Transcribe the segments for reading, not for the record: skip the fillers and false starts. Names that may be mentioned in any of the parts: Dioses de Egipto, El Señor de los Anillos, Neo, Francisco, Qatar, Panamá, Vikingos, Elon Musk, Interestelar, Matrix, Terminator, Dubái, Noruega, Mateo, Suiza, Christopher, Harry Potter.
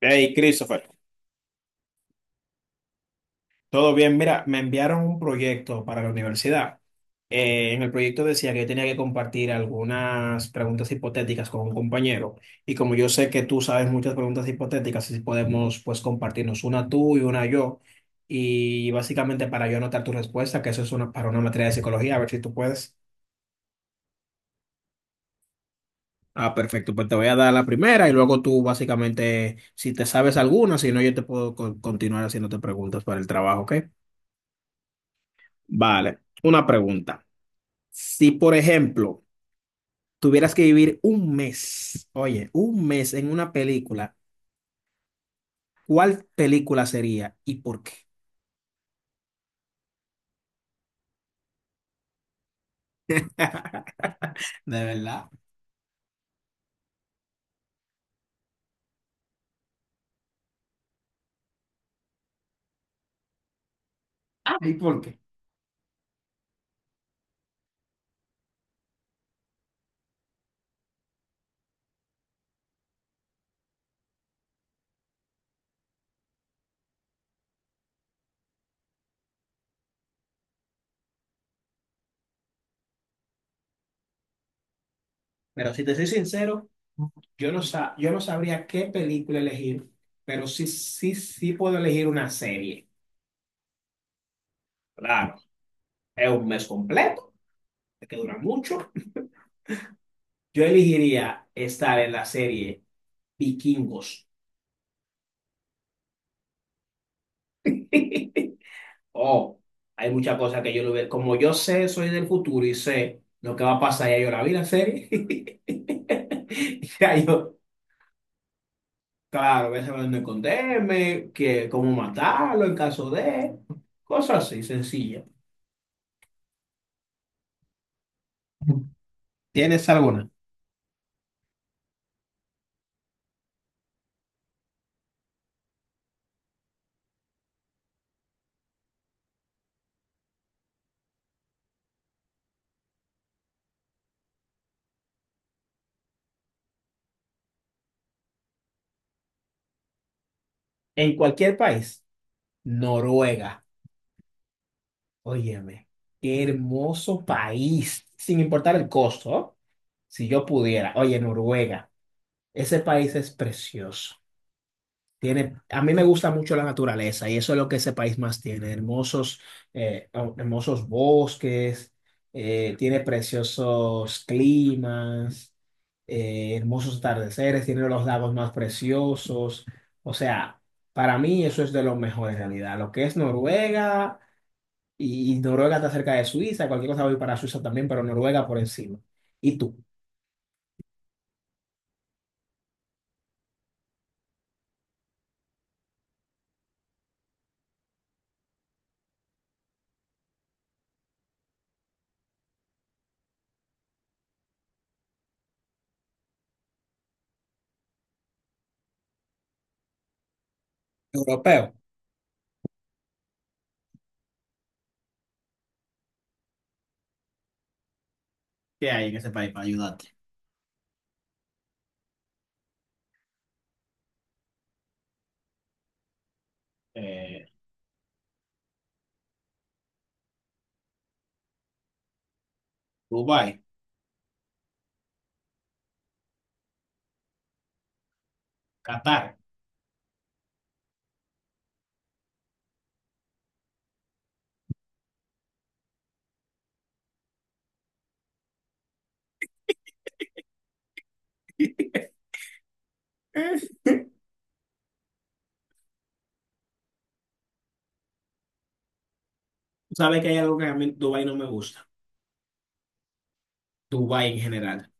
Hey, Christopher, ¿todo bien? Mira, me enviaron un proyecto para la universidad. En el proyecto decía que yo tenía que compartir algunas preguntas hipotéticas con un compañero. Y como yo sé que tú sabes muchas preguntas hipotéticas, si podemos pues compartirnos una tú y una yo. Y básicamente para yo anotar tu respuesta, que eso es una, para una materia de psicología, a ver si tú puedes. Ah, perfecto. Pues te voy a dar la primera y luego tú básicamente, si te sabes alguna, si no, yo te puedo continuar haciéndote preguntas para el trabajo, ¿ok? Vale, una pregunta. Si, por ejemplo, tuvieras que vivir un mes, oye, un mes en una película, ¿cuál película sería y por qué? De verdad. Ah, ¿y por qué? Pero si te soy sincero, yo no sabría qué película elegir, pero sí, sí, sí puedo elegir una serie. Claro, es un mes completo, que dura mucho. Yo elegiría estar en la serie Vikingos. Oh, hay muchas cosas que yo no veo. Como yo sé, soy del futuro y sé lo que va a pasar, ya yo la vi la serie. Ya yo, claro, voy a saber dónde esconderme, que cómo matarlo en caso de, cosas así, sencillas. ¿Tienes alguna? En cualquier país, Noruega, óyeme, qué hermoso país, sin importar el costo, ¿oh? Si yo pudiera, oye, Noruega, ese país es precioso. A mí me gusta mucho la naturaleza y eso es lo que ese país más tiene. Oh, hermosos bosques, tiene preciosos climas, hermosos atardeceres, tiene los lagos más preciosos. O sea, para mí eso es de lo mejor en realidad. Lo que es Noruega y Noruega está cerca de Suiza, cualquier cosa voy para Suiza también, pero Noruega por encima. ¿Y tú? Europeo. ¿Qué hay en ese país para ayudarte? Eh, Dubái, Qatar. Sabes que hay algo que a mí Dubái no me gusta. Dubái en general.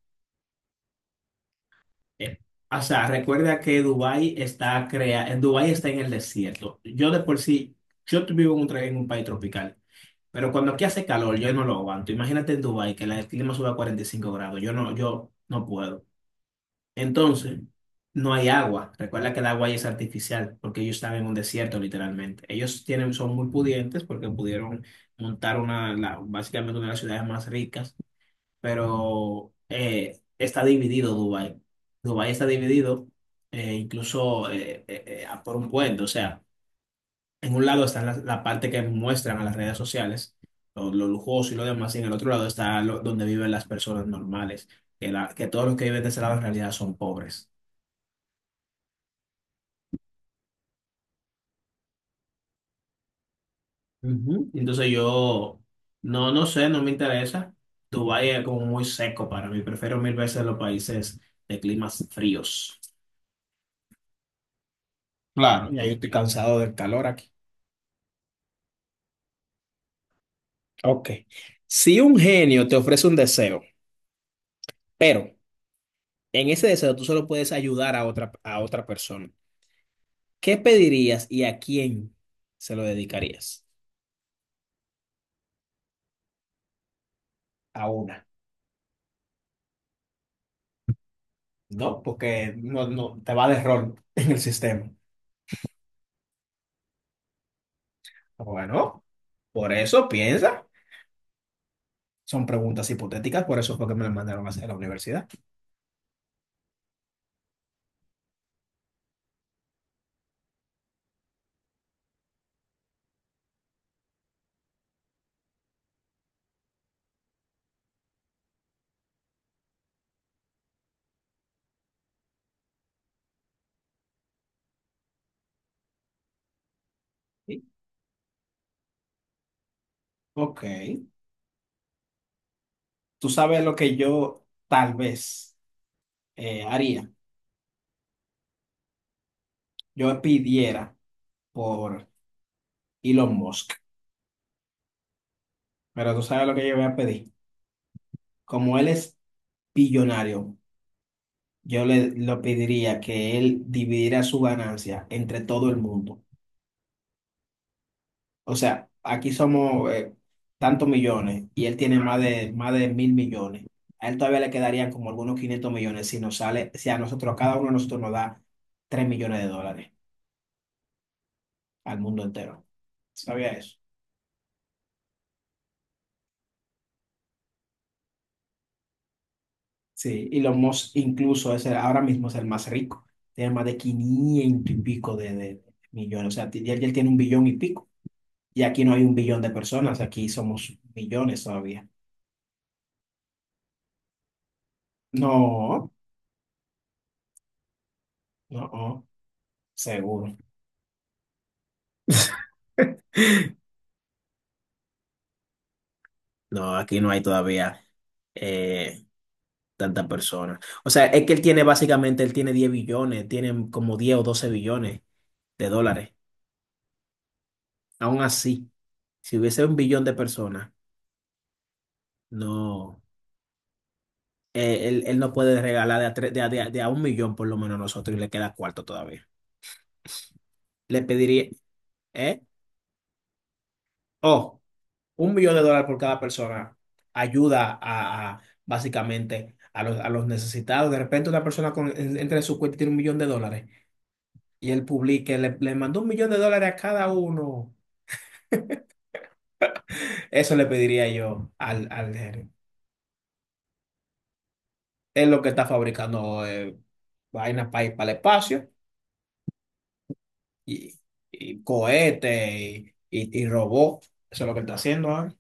Eh, o sea, recuerda que en Dubái está en el desierto. Yo de por sí, vivo en en un país tropical, pero cuando aquí hace calor, yo no lo aguanto. Imagínate en Dubái que el clima sube a 45 grados. Yo no puedo. Entonces, no hay agua. Recuerda que el agua ahí es artificial, porque ellos están en un desierto, literalmente. Son muy pudientes porque pudieron montar básicamente una de las ciudades más ricas, pero está dividido Dubái. Dubái está dividido, incluso, por un puente. O sea, en un lado está la parte que muestran a las redes sociales, lo lujoso y lo demás, y en el otro lado está donde viven las personas normales, que todos los que viven de ese lado en realidad son pobres. Ujú. No sé, no me interesa. Dubái es como muy seco para mí, prefiero mil veces los países de climas fríos. Claro. Ya yo estoy cansado del calor aquí. Ok. Si un genio te ofrece un deseo, pero en ese deseo tú solo puedes ayudar a otra persona, ¿qué pedirías y a quién se lo dedicarías? A una, ¿no? Porque no te va de error en el sistema. Bueno, por eso piensa. Son preguntas hipotéticas, por eso fue que me las mandaron a hacer a la universidad. Sí. Ok. Tú sabes lo que yo tal vez haría. Yo pidiera por Elon Musk. Pero tú sabes lo que yo voy a pedir. Como él es billonario, yo le lo pediría que él dividiera su ganancia entre todo el mundo. O sea, aquí somos tantos millones y él tiene más de 1.000 millones. A él todavía le quedarían como algunos 500 millones si si a nosotros, cada uno de nosotros nos da 3 millones de dólares al mundo entero. ¿Sabía eso? Sí, Elon Musk incluso ahora mismo es el más rico. Tiene más de 500 y pico de millones. O sea, ya él tiene 1 billón y pico. Y aquí no hay 1 billón de personas, aquí somos millones todavía. No, no, no, seguro. No, aquí no hay todavía eh, tantas personas. O sea, es que él tiene 10 billones, tiene como 10 o 12 millardos de dólares. Aún así, si hubiese 1 billón de personas, no. Él no puede regalar de a, tres- de, a, de a- de a 1 millón por lo menos a nosotros y le queda cuarto todavía. Le pediría, ¿eh? Oh, un millón de dólares por cada persona ayuda básicamente a los necesitados. De repente una persona entra en su cuenta y tiene 1 millón de dólares y le mandó 1 millón de dólares a cada uno. Eso le pediría yo al gerente. Es lo que está fabricando, vainas para ir para el espacio, y, y cohetes y, y robot. Eso es lo que está haciendo ahora.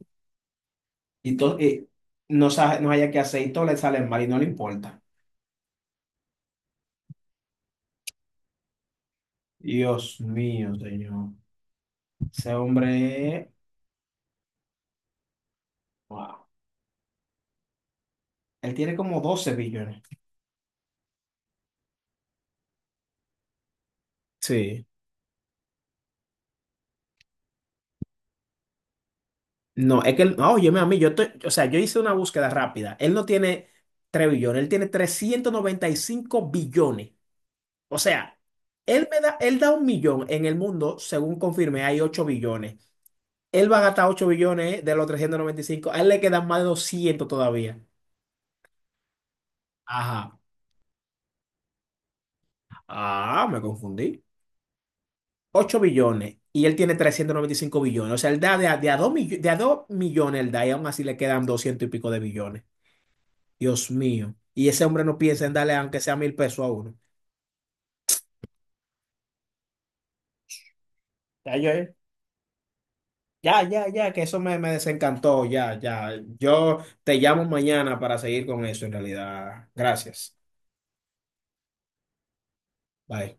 Y no, sabe no haya que hacer y todo le sale mal y no le importa. Dios mío, señor. Ese hombre, wow. Él tiene como 12 billones. Sí. No, es que, no, óyeme a mí, o sea, yo hice una búsqueda rápida. Él no tiene 3 billones, él tiene 395 billones. O sea, él da 1 millón en el mundo, según confirmé, hay 8 billones. Él va a gastar 8 billones de los 395. A él le quedan más de 200 todavía. Ajá. Ah, me confundí. 8 billones y él tiene 395 billones. O sea, él da de a 2 millones, de a 2 millones él da y aún así le quedan 200 y pico de billones. Dios mío. Y ese hombre no piensa en darle aunque sea 1.000 pesos a uno. Ya, yo- ya, ya, ya, que eso me desencantó. Ya, ya. Yo te llamo mañana para seguir con eso en realidad. Gracias. Bye.